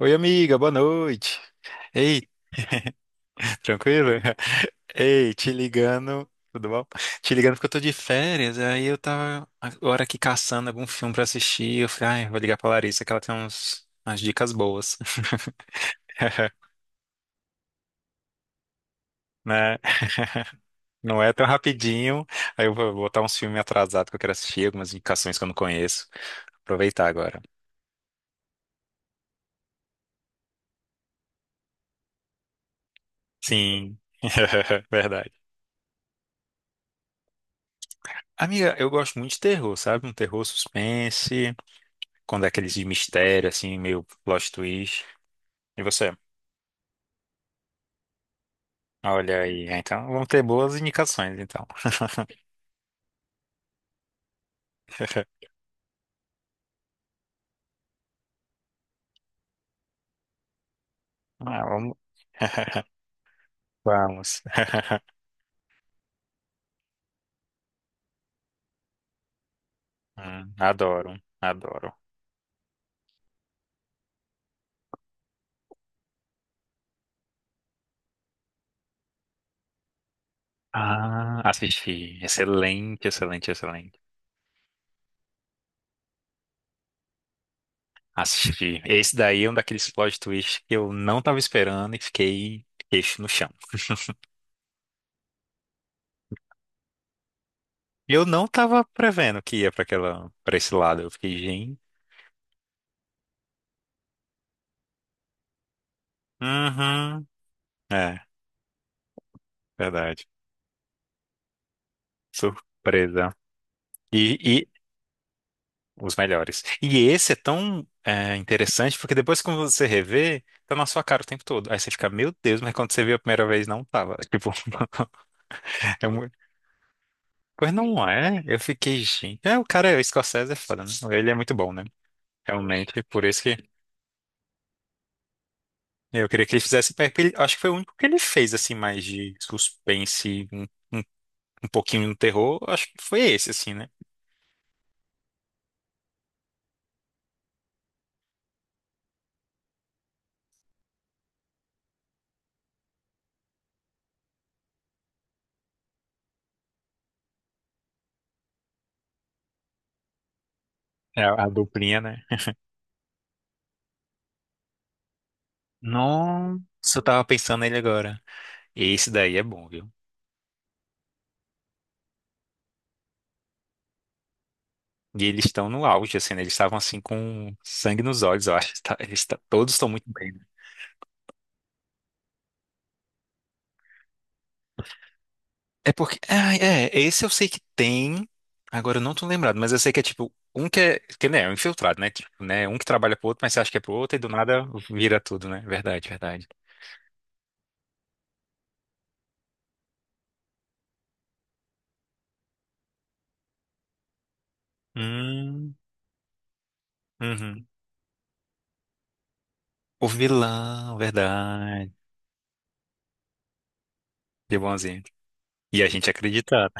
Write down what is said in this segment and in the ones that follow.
Oi, amiga, boa noite. Ei, tranquilo? Ei, te ligando, tudo bom? Te ligando porque eu tô de férias, aí eu tava agora aqui caçando algum filme pra assistir. Eu falei, ai, vou ligar pra Larissa que ela tem umas dicas boas, né? Não é tão rapidinho. Aí eu vou botar uns filmes atrasados que eu quero assistir, algumas indicações que eu não conheço. Aproveitar agora. Sim, verdade. Amiga, eu gosto muito de terror, sabe? Um terror suspense. Quando é aqueles de mistério, assim, meio plot twist. E você? Olha aí, é, então vamos ter boas indicações, então. Ah, vamos. Vamos. Adoro, adoro. Ah, assisti. Excelente, excelente, excelente. Assisti. Esse daí é um daqueles plot twists que eu não tava esperando e fiquei queixo no chão. Eu não tava prevendo que ia pra para esse lado. Eu fiquei, gente. Uhum. É, verdade. Surpresa. E, os melhores. E esse é tão interessante porque depois quando você revê, tá na sua cara o tempo todo. Aí você fica, meu Deus, mas quando você viu a primeira vez, não tava. Tipo, é muito... Pois não é? Eu fiquei, gente. É, o cara, o Scorsese é foda, né? Ele é muito bom, né? Realmente, por isso que eu queria que ele fizesse. Acho que foi o único que ele fez, assim, mais de suspense, um, um pouquinho no terror. Acho que foi esse, assim, né? É, a duplinha, né? Nossa, eu tava pensando nele agora. Esse daí é bom, viu? E eles estão no auge, assim, né? Eles estavam assim com sangue nos olhos, eu acho. Todos estão muito bem, né? É porque. Ah, é, esse eu sei que tem. Agora eu não tô lembrado, mas eu sei que é tipo, um que é. Que né, é um infiltrado, né? Tipo, né? Um que trabalha pro outro, mas você acha que é pro outro, e do nada vira tudo, né? Verdade, verdade. Hum, uhum. O vilão, verdade. De bonzinho. E a gente acreditando.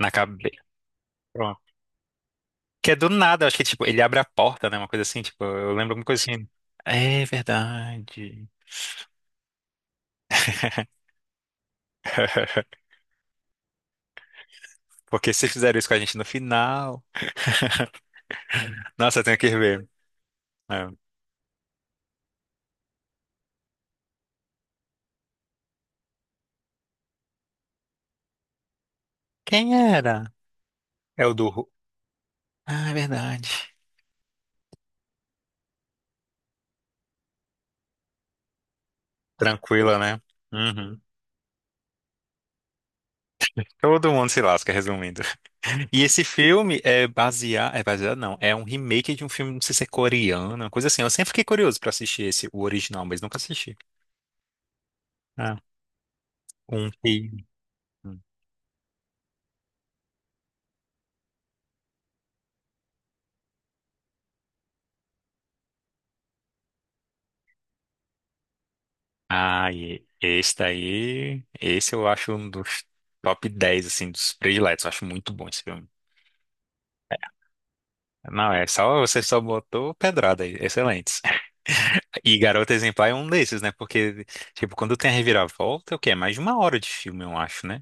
Na cabeça. Pronto. Que é do nada, eu acho que tipo, ele abre a porta, né? Uma coisa assim, tipo, eu lembro alguma coisa assim. É verdade. Porque se fizeram isso com a gente no final. Nossa, eu tenho que ver. É. Quem era? É o do. Ah, é verdade. Tranquila, né? Uhum. Todo mundo se lasca, resumindo. E esse filme é baseado. É baseado, não. É um remake de um filme, não sei se é coreano, uma coisa assim. Eu sempre fiquei curioso pra assistir esse, o original, mas nunca assisti. Ah, um que. Ah, e esse daí. Esse eu acho um dos top 10 assim, dos prediletos. Eu acho muito bom esse filme. Não, é só você só botou pedrada aí, excelente. E Garota Exemplar é um desses, né? Porque, tipo, quando tem a reviravolta, é o quê? É mais de uma hora de filme, eu acho, né?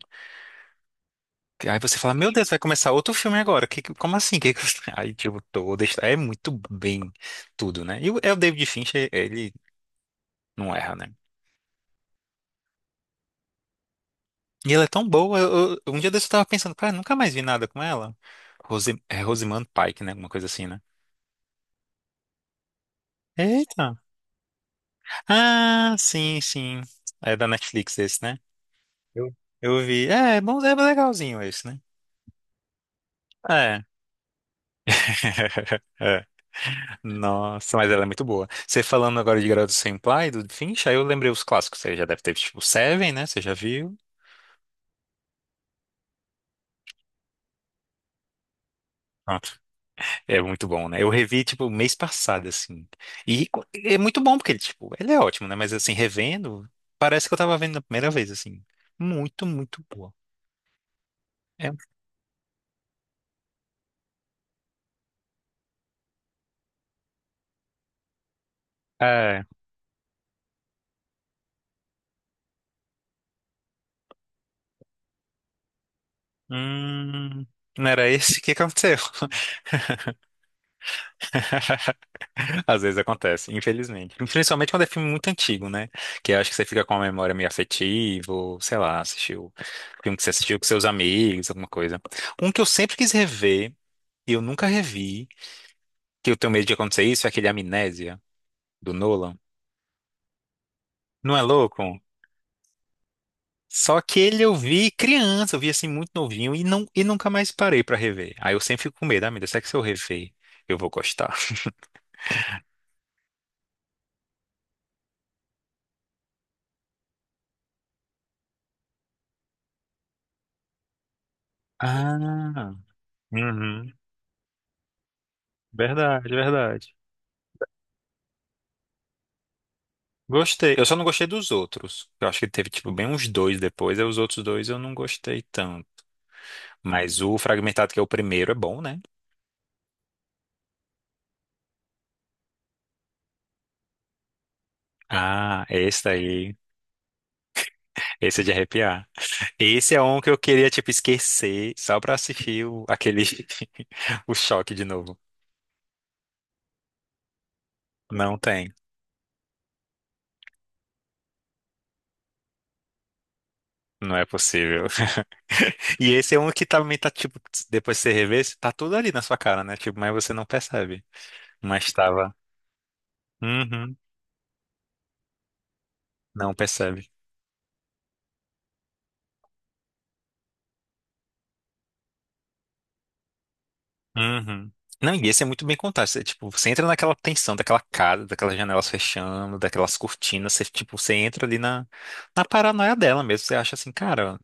Aí você fala, meu Deus, vai começar outro filme agora. Como assim? Aí, tipo, toda. É muito bem tudo, né? É o David Fincher, ele não erra, né? E ela é tão boa. Um dia desse eu tava pensando, cara, nunca mais vi nada com ela. É Rosamund Pike, né? Alguma coisa assim, né? Eita! Ah, sim, sim. É da Netflix esse, né? Eu, eu vi. É bom, é legalzinho esse, né? É. É. Nossa, mas ela é muito boa. Você falando agora de Garota Senpai, do Finch, aí eu lembrei os clássicos. Você já deve ter, tipo, Seven, né? Você já viu? Pronto. É muito bom, né? Eu revi, tipo, mês passado, assim. É muito bom, porque ele, tipo, ele é ótimo, né? Mas, assim, revendo, parece que eu tava vendo na primeira vez, assim. Muito, muito boa. É. É. Hum, não era esse? O que aconteceu? Às vezes acontece, infelizmente. Principalmente quando é filme muito antigo, né? Que eu acho que você fica com uma memória meio afetiva, ou sei lá, assistiu filme que você assistiu com seus amigos, alguma coisa. Um que eu sempre quis rever, e eu nunca revi, que eu tenho medo de acontecer isso, é aquele Amnésia, do Nolan. Não é louco? Só que ele eu vi criança, eu vi assim muito novinho e, não, e nunca mais parei pra rever. Aí eu sempre fico com medo, ah, meu Deus, será que se eu rever, eu vou gostar? Ah, uhum, verdade, verdade. Gostei. Eu só não gostei dos outros. Eu acho que teve, tipo, bem uns dois depois. Aí os outros dois eu não gostei tanto. Mas o Fragmentado, que é o primeiro, é bom, né? Ah, esse aí. Esse é de arrepiar. Esse é um que eu queria, tipo, esquecer só pra assistir o choque de novo. Não tem. Não é possível. E esse é um que também tá, tipo, depois que você rever, tá tudo ali na sua cara, né? Tipo, mas você não percebe. Mas tava. Uhum, não percebe. Uhum. Não, e esse é muito bem contado. Você, tipo, você entra naquela tensão daquela casa, daquelas janelas fechando, daquelas cortinas. Você, tipo, você entra ali na paranoia dela mesmo. Você acha assim, cara, o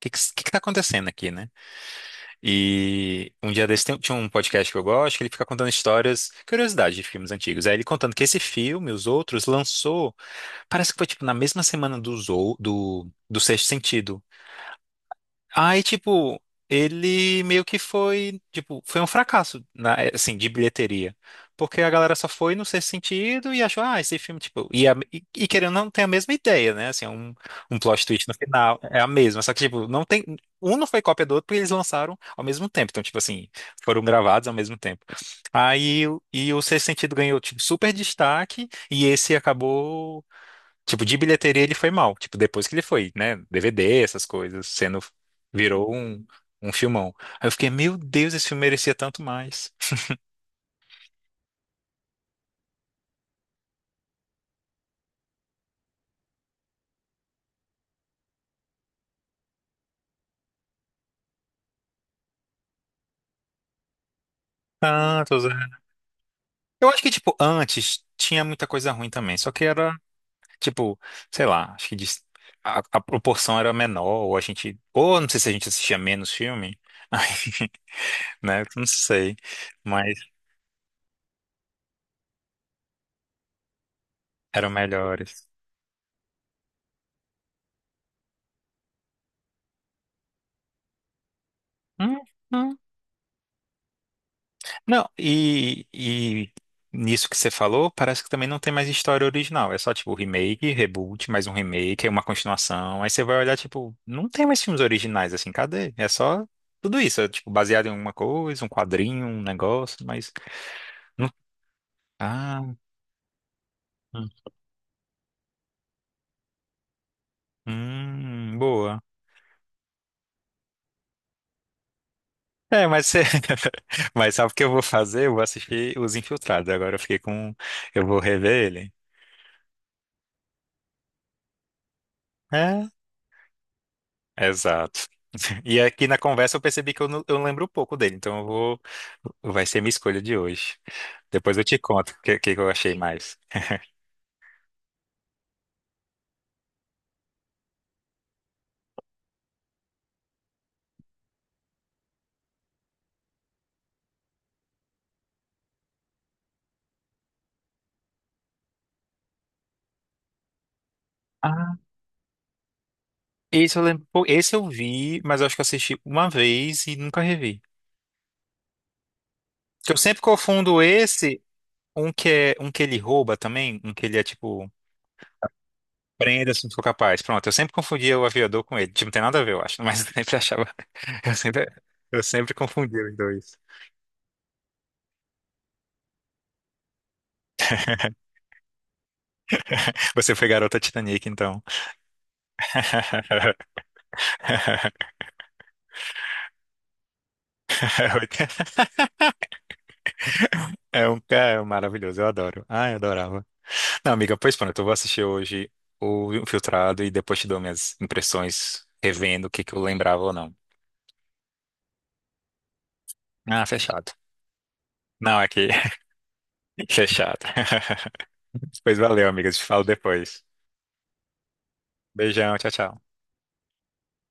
que que tá acontecendo aqui, né? E um dia desse tinha um podcast que eu gosto, que ele fica contando histórias, curiosidades de filmes antigos. Aí ele contando que esse filme, os outros, lançou, parece que foi, tipo, na mesma semana do Sexto Sentido. Aí, tipo, ele meio que foi, tipo, foi um fracasso, assim, de bilheteria. Porque a galera só foi no sexto sentido e achou, ah, esse filme, tipo, e querendo ou não tem a mesma ideia, né? Assim, é um, plot twist no final é a mesma, só que, tipo, não tem, um não foi cópia do outro porque eles lançaram ao mesmo tempo. Então, tipo assim, foram gravados ao mesmo tempo. Aí, e o sexto sentido ganhou, tipo, super destaque e esse acabou. Tipo, de bilheteria ele foi mal. Tipo, depois que ele foi, né? DVD, essas coisas, sendo. Virou um, filmão. Aí eu fiquei, meu Deus, esse filme merecia tanto mais. Tantos, é. Eu acho que, tipo, antes tinha muita coisa ruim também. Só que era, tipo, sei lá, acho que a proporção era menor, ou a gente. Ou não sei se a gente assistia menos filme. Aí, né? Não sei. Mas eram melhores. Uhum. Não, e nisso que você falou, parece que também não tem mais história original. É só tipo remake, reboot, mais um remake, aí uma continuação. Aí você vai olhar, tipo, não tem mais filmes originais assim, cadê? É só tudo isso, é, tipo, baseado em alguma coisa, um quadrinho, um negócio, mas. não- Ah, boa. É, mas sabe o que eu vou fazer? Eu vou assistir Os Infiltrados. Agora eu fiquei com. Eu vou rever ele. É. Exato. E aqui na conversa eu percebi que eu, não- eu lembro um pouco dele, então eu vou, vai ser minha escolha de hoje. Depois eu te conto o que, que eu achei mais. Ah, esse eu lembro, esse eu vi, mas eu acho que eu assisti uma vez e nunca revi. Que eu sempre confundo esse, um que é um que ele rouba também, um que ele é tipo, prenda se não for capaz. Pronto, eu sempre confundia o aviador com ele. Tipo, não tem nada a ver, eu acho, mas eu sempre achava, eu sempre, eu sempre confundia os dois. Você foi garota Titanic, então. É, é um cara maravilhoso, eu adoro. Ah, eu adorava. Não, amiga, pois pronto, eu vou assistir hoje o Infiltrado e depois te dou minhas impressões, revendo o que que eu lembrava ou não. Ah, fechado. Não, aqui, fechado. Pois valeu, amiga, te falo depois. Beijão, tchau, tchau.